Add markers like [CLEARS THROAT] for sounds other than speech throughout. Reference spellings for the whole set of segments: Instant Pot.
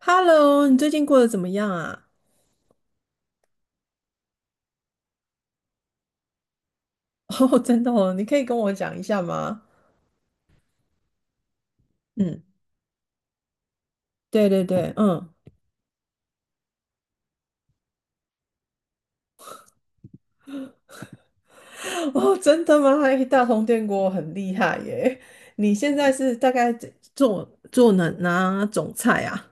Hello，你最近过得怎么样啊？[LAUGHS] 哦，真的哦，你可以跟我讲一下吗？嗯，对对对，嗯，哦，真的吗？哎，大同电锅很厉害耶！你现在是大概做做哪种菜啊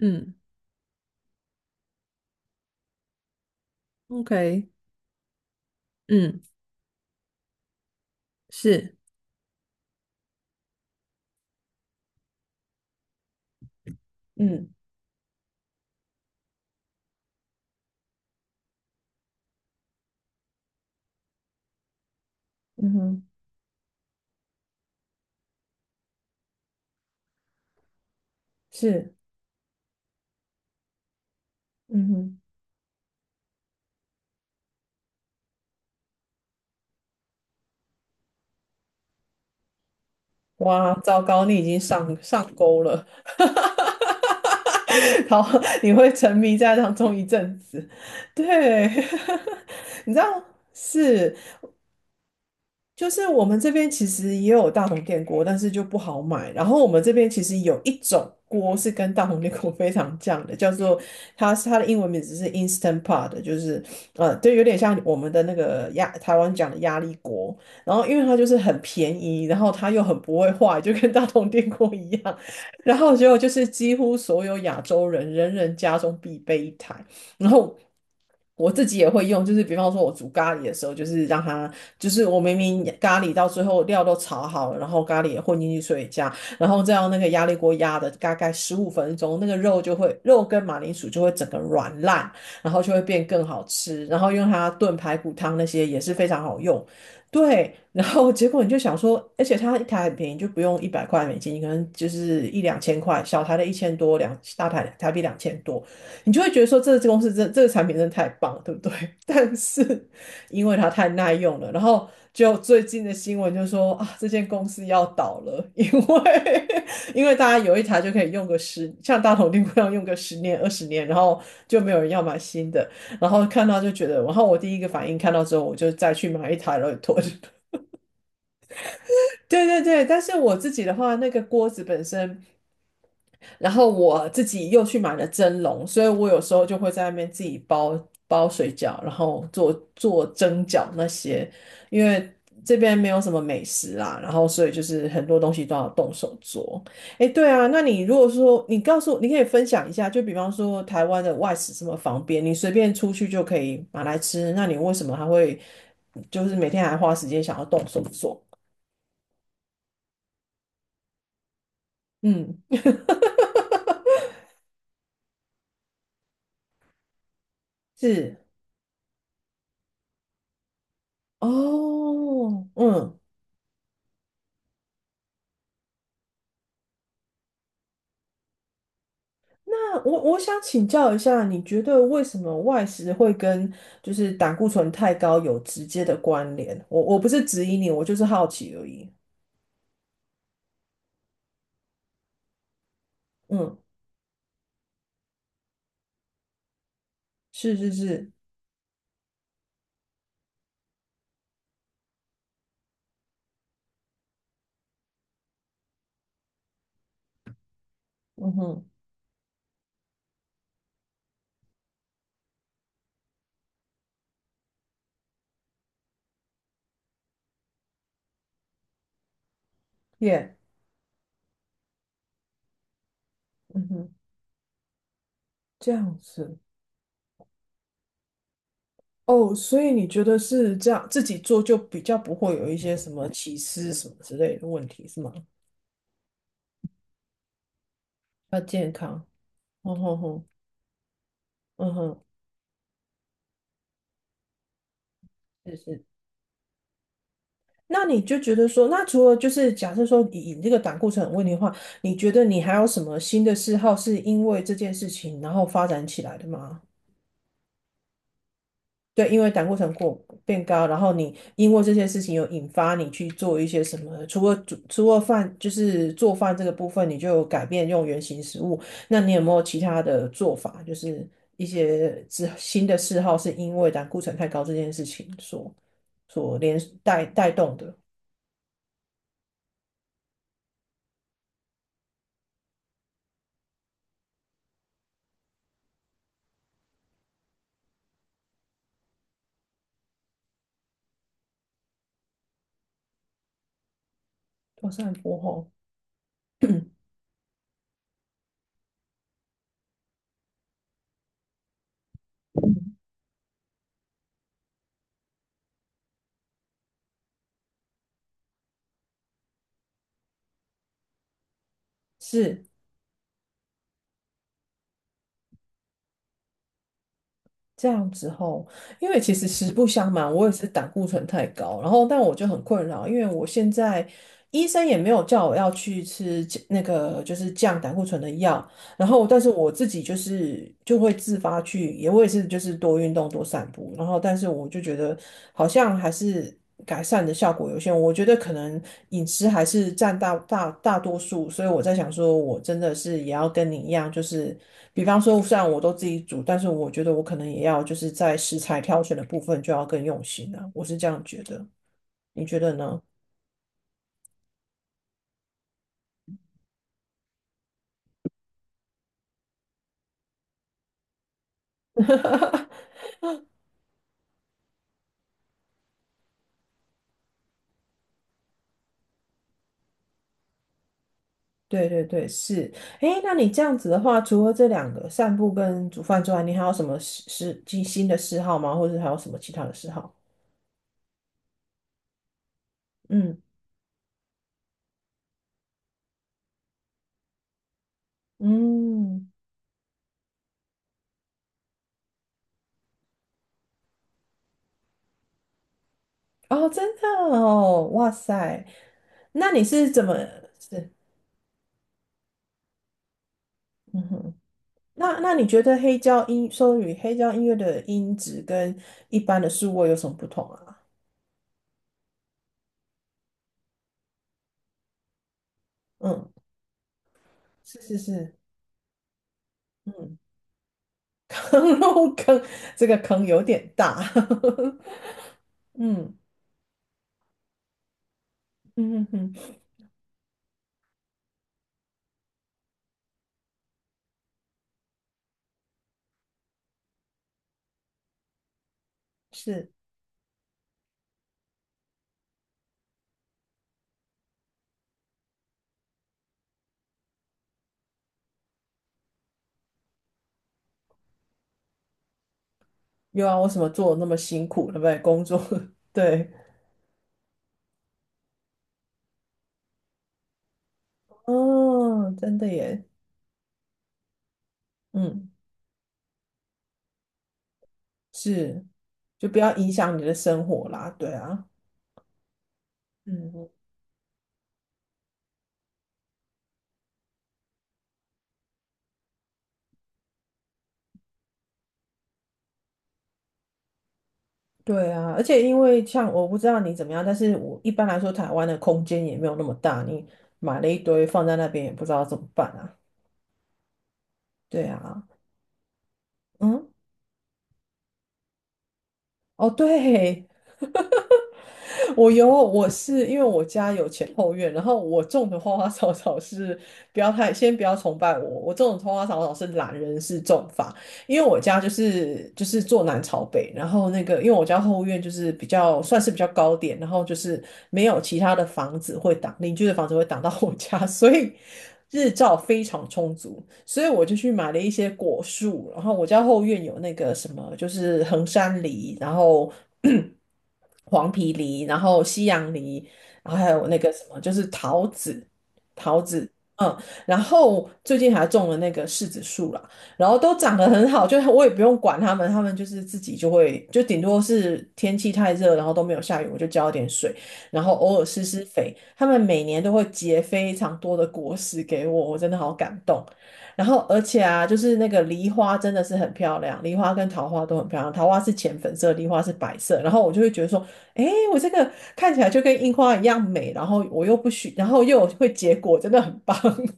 嗯？OK，嗯，是，嗯嗯哼，是，嗯哼，哇，糟糕，你已经上钩了。[LAUGHS] 好，你会沉迷在当中一阵子。对，[LAUGHS] 你知道是，就是我们这边其实也有大同电锅，但是就不好买。然后我们这边其实有一种锅是跟大同电锅非常像的，叫做它的英文名字是 Instant Pot，就是就有点像我们的那个台湾讲的压力锅。然后因为它就是很便宜，然后它又很不会坏，就跟大同电锅一样。[LAUGHS] 然后结果就是几乎所有亚洲人人人家中必备一台。然后我自己也会用，就是比方说我煮咖喱的时候，就是让它，就是我明明咖喱到最后料都炒好了，然后咖喱也混进去水加，然后再用那个压力锅压的大概15分钟，那个肉就会肉跟马铃薯就会整个软烂，然后就会变更好吃，然后用它炖排骨汤那些也是非常好用。对，然后结果你就想说，而且它一台很便宜，就不用100块美金，可能就是一两千块，小台的1000多，两大台台币2000多。你就会觉得说这个公司真这个产品真的太棒了，对不对？[LAUGHS] 但是因为它太耐用了，然后就最近的新闻就说啊，这间公司要倒了，因为 [LAUGHS] 因为大家有一台就可以用个十，像大同电锅一样用个十年20年，然后就没有人要买新的，然后看到就觉得，然后我第一个反应看到之后，我就再去买一台来囤。 [LAUGHS]。对对对，但是我自己的话，那个锅子本身。然后我自己又去买了蒸笼，所以我有时候就会在那边自己包水饺，然后做做蒸饺那些，因为这边没有什么美食啦，然后所以就是很多东西都要动手做。诶，对啊，那你如果说你告诉我，你可以分享一下，就比方说台湾的外食这么方便，你随便出去就可以买来吃，那你为什么还会就是每天还花时间想要动手做？嗯，是哦，嗯那我想请教一下，你觉得为什么外食会跟就是胆固醇太高有直接的关联？我不是质疑你，我就是好奇而已。嗯，是是是，嗯哼，耶，嗯哼，这样子。哦，所以你觉得是这样，自己做就比较不会有一些什么起司什么之类的问题，是吗？要健康。嗯哼哼，嗯哼，是是。那你就觉得说，那除了就是假设说以这个胆固醇很问题的话，你觉得你还有什么新的嗜好是因为这件事情然后发展起来的吗？对，因为胆固醇变高，然后你因为这件事情有引发你去做一些什么，除了饭就是做饭这个部分，你就有改变用原形食物，那你有没有其他的做法？就是一些之新的嗜好是因为胆固醇太高这件事情所连带动的。我是很波后。[CLEARS THROAT] 是这样子吼，因为其实实不相瞒，我也是胆固醇太高，然后但我就很困扰，因为我现在医生也没有叫我要去吃那个就是降胆固醇的药。然后，但是我自己就是就会自发去，也我也是就是多运动多散步，然后但是我就觉得好像还是改善的效果有限，我觉得可能饮食还是占大多数，所以我在想说，我真的是也要跟你一样，就是比方说虽然我都自己煮，但是我觉得我可能也要就是在食材挑选的部分就要更用心了。我是这样觉得，你觉得呢？对对对，是。诶，那你这样子的话，除了这两个散步跟煮饭之外，你还有什么嗜嗜新新的嗜好吗？或者还有什么其他的嗜好？嗯嗯，哦，真的哦，哇塞，那你是怎么是？嗯哼，那你觉得黑胶音，双语黑胶音乐的音质跟一般的数位有什么不同啊？嗯，是是是，嗯，[LAUGHS] 入坑这个坑有点大。[LAUGHS] 嗯嗯哼哼。是。又啊，为什么做得那么辛苦，对不对？工作。[LAUGHS] 对，哦，真的耶，嗯，是，就不要影响你的生活啦，对啊，嗯，对啊，而且因为像我不知道你怎么样，但是我一般来说台湾的空间也没有那么大，你买了一堆放在那边也不知道怎么办啊，对啊，嗯。哦，对，[LAUGHS] 我有，我是因为我家有前后院，然后我种的花花草草是不要太，先不要崇拜我，我种的花花草草是懒人式种法，因为我家就是坐南朝北，然后那个因为我家后院就是比较算是比较高点，然后就是没有其他的房子会挡，邻居的房子会挡到我家。[LAUGHS] 所以日照非常充足，所以我就去买了一些果树，然后我家后院有那个什么就是衡山梨，然后 [CLEARS THROAT] 黄皮梨，然后西洋梨，然后还有那个什么就是桃子，桃子。嗯，然后最近还种了那个柿子树啦，然后都长得很好，就我也不用管它们，它们就是自己就会，就顶多是天气太热，然后都没有下雨，我就浇一点水，然后偶尔施施肥。它们每年都会结非常多的果实给我，我真的好感动。然后而且啊，就是那个梨花真的是很漂亮，梨花跟桃花都很漂亮，桃花是浅粉色，梨花是白色。然后我就会觉得说，诶，我这个看起来就跟樱花一样美，然后我又不需，然后又会结果，真的很棒。[LAUGHS]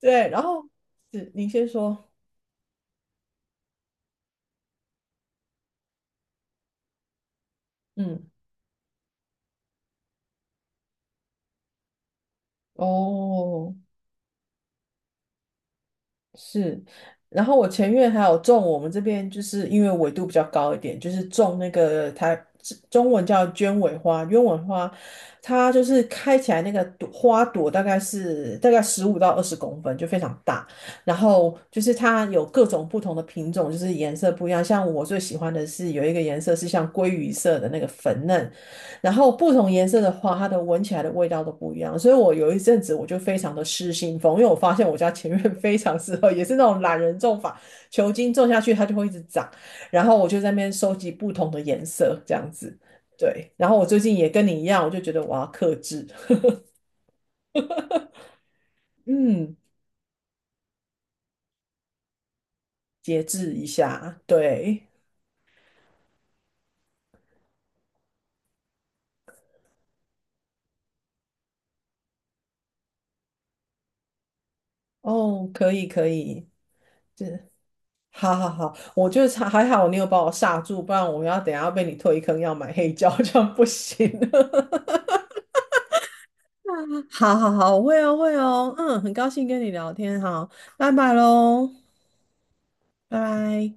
对，然后是您先说。嗯。哦，是，然后我前院还有种，我们这边就是因为纬度比较高一点，就是种那个它中文叫鸢尾花，鸢尾花它就是开起来那个朵花朵大概15到20公分，就非常大。然后就是它有各种不同的品种，就是颜色不一样。像我最喜欢的是有一个颜色是像鲑鱼色的那个粉嫩，然后不同颜色的花，它的闻起来的味道都不一样，所以我有一阵子我就非常的失心疯，因为我发现我家前院非常适合，也是那种懒人种法，球茎种下去它就会一直长，然后我就在那边收集不同的颜色这样子。对，然后我最近也跟你一样，我就觉得我要克制。[LAUGHS] 嗯，节制一下，对，哦，可以可以，是，好好好，我就差还好你有把我刹住，不然我要等一下要被你推坑要买黑胶，这样不行。[LAUGHS] [LAUGHS] 好好好，我会哦，会哦，嗯，很高兴跟你聊天，好，拜拜喽，拜拜。